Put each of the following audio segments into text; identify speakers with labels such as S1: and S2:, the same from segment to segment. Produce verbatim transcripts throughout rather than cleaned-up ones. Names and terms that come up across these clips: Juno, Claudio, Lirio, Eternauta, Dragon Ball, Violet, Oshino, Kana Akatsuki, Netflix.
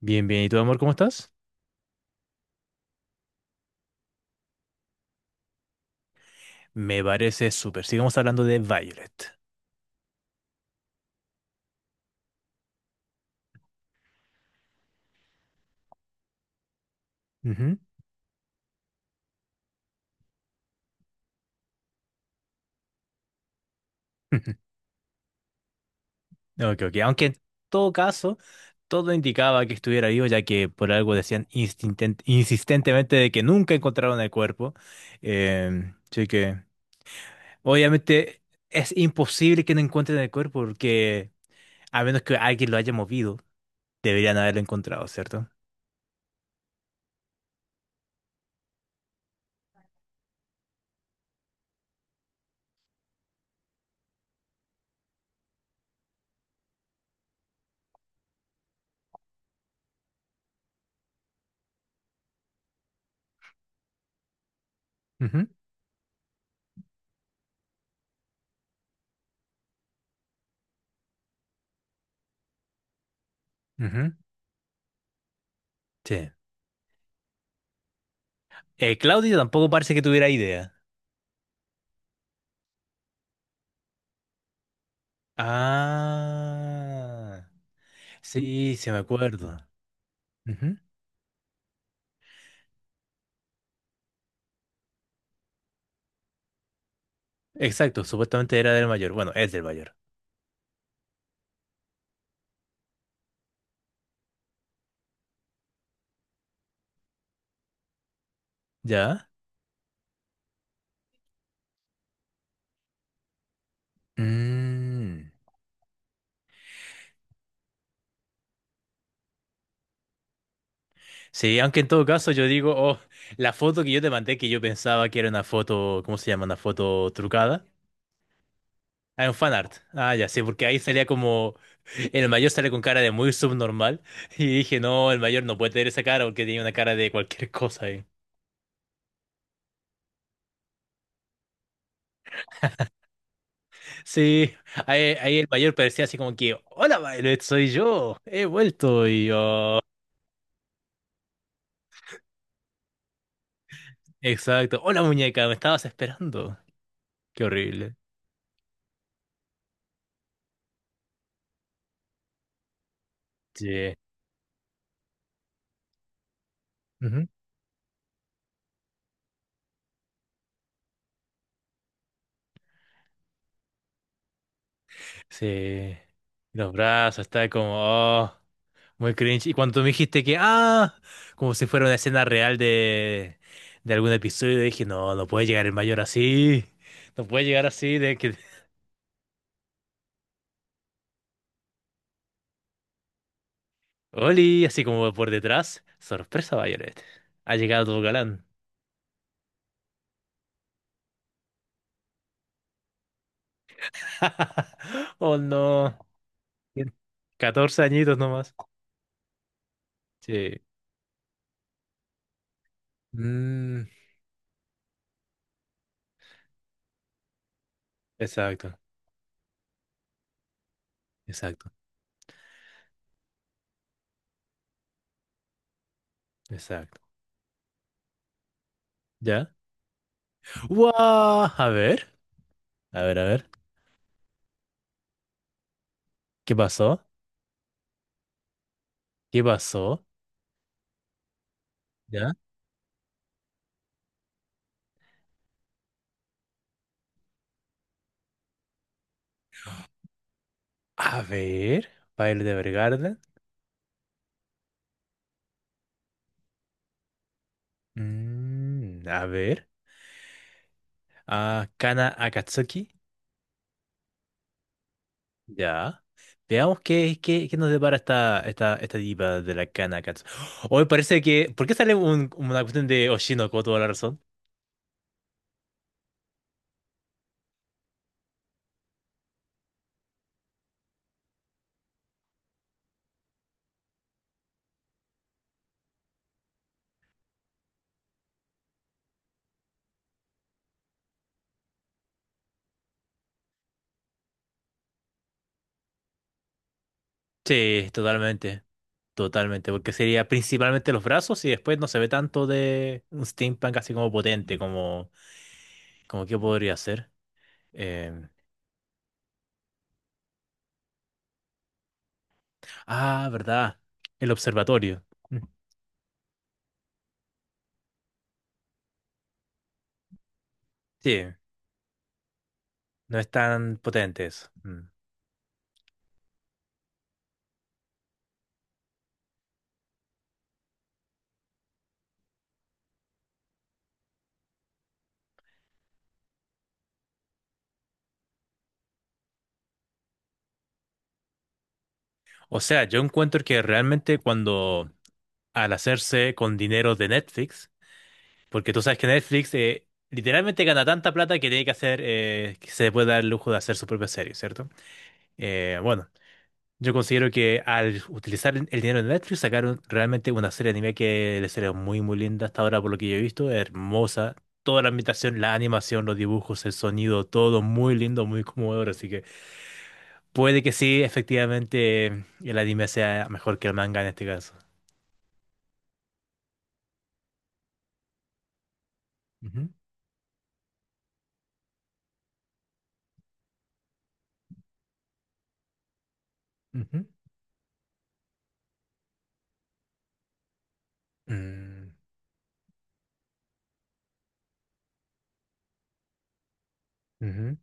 S1: Bien, bien. ¿Y tú, amor, cómo estás? Me parece súper. Sigamos hablando de Violet. Ujú. Ok, ok. Aunque en todo caso, todo indicaba que estuviera vivo, ya que por algo decían instinten- insistentemente de que nunca encontraron el cuerpo. Em, así que, obviamente, es imposible que no encuentren el cuerpo, porque a menos que alguien lo haya movido, deberían haberlo encontrado, ¿cierto? Ujú, ujú. Sí. Eh, Claudio tampoco parece que tuviera idea. Ah. Sí, sí me acuerdo. Ujú. Exacto, supuestamente era del mayor. Bueno, es del mayor. ¿Ya? Mm. Sí, aunque en todo caso yo digo, oh, la foto que yo te mandé que yo pensaba que era una foto, ¿cómo se llama? Una foto trucada. Ah, un fanart. Ah, ya sí, porque ahí salía como, el mayor sale con cara de muy subnormal. Y dije, no, el mayor no puede tener esa cara porque tenía una cara de cualquier cosa ahí. Sí, ahí, ahí el mayor parecía así como que, hola, Violet, soy yo, he vuelto y yo. Exacto. Hola muñeca, me estabas esperando. Qué horrible. Sí. Ujú. Sí. Los brazos, está como, oh, muy cringe. Y cuando me dijiste que, ah, como si fuera una escena real de, de algún episodio, dije, no, no puede llegar el mayor así. No puede llegar así de que... Oli, así como por detrás. Sorpresa, Violet. Ha llegado tu galán. Oh, no. Catorce añitos nomás. Sí. Mm, exacto, exacto. Exacto. ¿Ya? ¡Guau! A ver, a ver, a ver. ¿Qué pasó? ¿Qué pasó? ¿Ya? A ver. Baile de Evergarden. Mm, a ver. Ah, Kana Akatsuki. Ya. Veamos qué, qué, qué nos depara esta, esta, esta diva de la Kana Akatsuki. Hoy parece que. ¿Por qué sale un- una cuestión de Oshino con toda la razón? Sí, totalmente. Totalmente. Porque sería principalmente los brazos y después no se ve tanto de un steampunk así como potente, como. ¿Cómo qué podría ser? Em, ah, ¿verdad? El observatorio. Mm. Sí, no es tan potente eso. Mm. O sea, yo encuentro que realmente cuando al hacerse con dinero de Netflix, porque tú sabes que Netflix eh, literalmente gana tanta plata que tiene que hacer, eh, que se puede dar el lujo de hacer su propia serie, ¿cierto? Eh, bueno, yo considero que al utilizar el el dinero de Netflix sacaron realmente una serie de anime que la serie muy muy linda hasta ahora por lo que yo he visto, hermosa, toda la ambientación, la animación, los dibujos, el sonido, todo muy lindo, muy conmovedor, así que puede que sí, efectivamente el anime sea mejor que el manga en este caso. Ujú, ujú. Mm, ujú.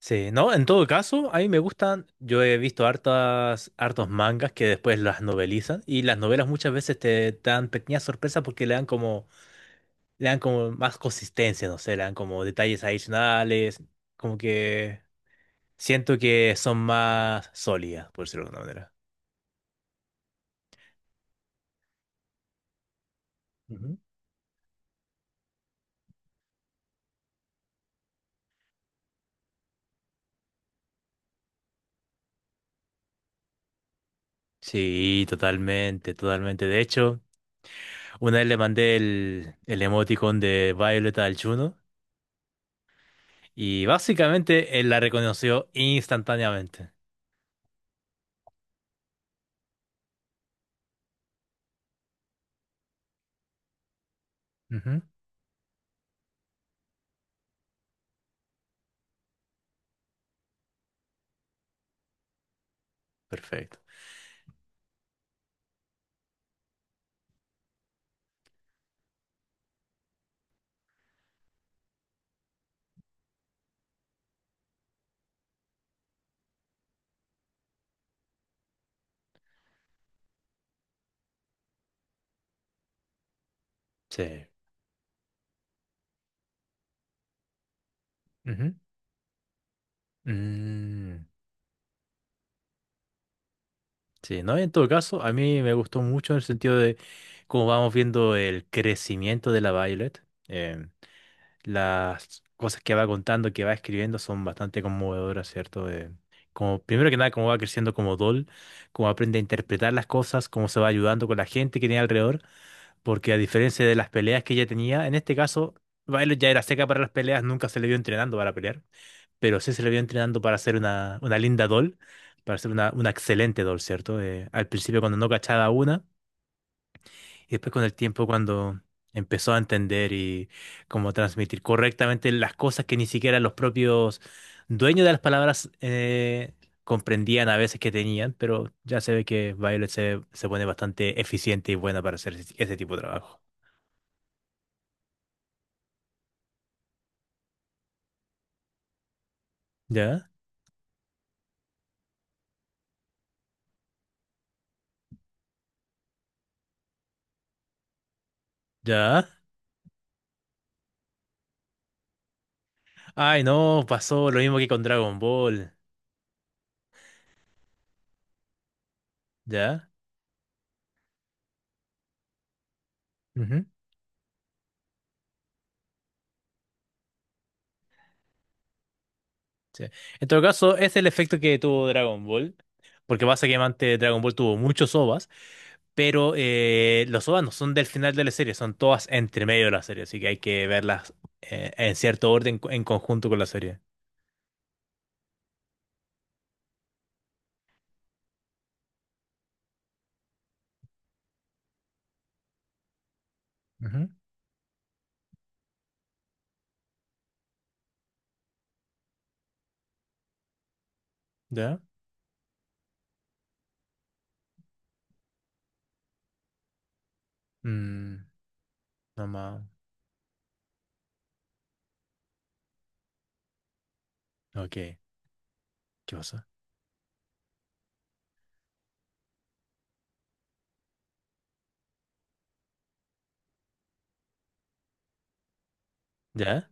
S1: Sí, no, en todo caso, a mí me gustan, yo he visto hartas, hartos mangas que después las novelizan y las novelas muchas veces te dan pequeñas sorpresas porque le dan como le dan como más consistencia, no sé, le dan como detalles adicionales, como que siento que son más sólidas, por decirlo de alguna manera. Ujú. Sí, totalmente, totalmente. De hecho, una vez le mandé el, el emoticon de Violeta al Juno y básicamente él la reconoció instantáneamente. Ujú. Perfecto. Sí. Ujú. Mm. Sí, ¿no? En todo caso, a mí me gustó mucho en el sentido de cómo vamos viendo el crecimiento de la Violet. em, las cosas que va contando, que va escribiendo son bastante conmovedoras, ¿cierto? Eh, como, primero que nada, cómo va creciendo como doll, cómo aprende a interpretar las cosas, cómo se va ayudando con la gente que tiene alrededor, porque a diferencia de las peleas que ella tenía, en este caso, Violet ya era seca para las peleas, nunca se le vio entrenando para pelear pero sí se le vio entrenando para hacer una, una linda doll, para hacer una, una excelente doll, ¿cierto? Eh, al principio cuando no cachaba una, y después con el tiempo cuando empezó a entender y cómo transmitir correctamente las cosas que ni siquiera los propios dueños de las palabras eh, comprendían a veces que tenían, pero ya se ve que Violet se, se pone bastante eficiente y buena para hacer ese, ese tipo de trabajo. ¿Ya? ¿Ya? Ay, no, pasó lo mismo que con Dragon Ball. ¿Ya? Sí. En todo caso, es el efecto que tuvo Dragon Ball, porque básicamente Dragon Ball tuvo muchos O V As, pero eh, los O V As no son del final de la serie, son todas entre medio de la serie, así que hay que verlas eh, en cierto orden co- en conjunto con la serie. Ujú. ¿Ya? Mm, no más. Ok, ¿qué pasa? ¿Ya?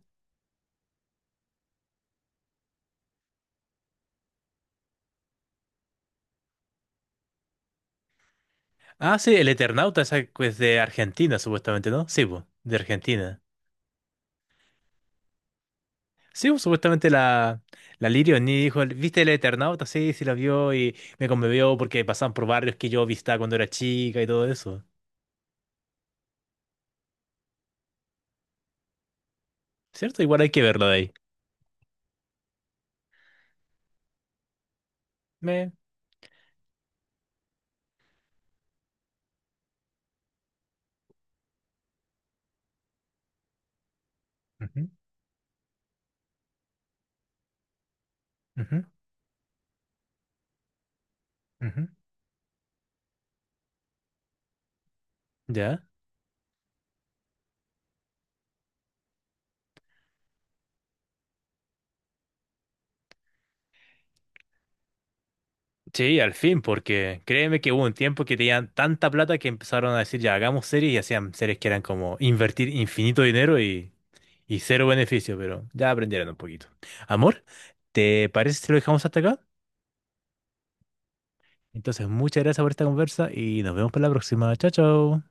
S1: Ah, sí, el Eternauta esa que es de Argentina, supuestamente, ¿no? Sí, pues, de Argentina. Sí, pues, supuestamente la, la Lirio ni dijo, ¿viste el Eternauta? Sí, sí la vio y me conmovió porque pasaban por barrios que yo visitaba cuando era chica y todo eso. ¿Cierto? Igual hay que verlo de ahí. Me... Ujú, ujú, ujú. ¿Ya? Sí, al fin, porque créeme que hubo un tiempo que tenían tanta plata que empezaron a decir, ya, hagamos series y hacían series que eran como invertir infinito dinero y, y cero beneficio, pero ya aprendieron un poquito. Amor, ¿te parece si lo dejamos hasta acá? Entonces, muchas gracias por esta conversa y nos vemos para la próxima. Chao, chao.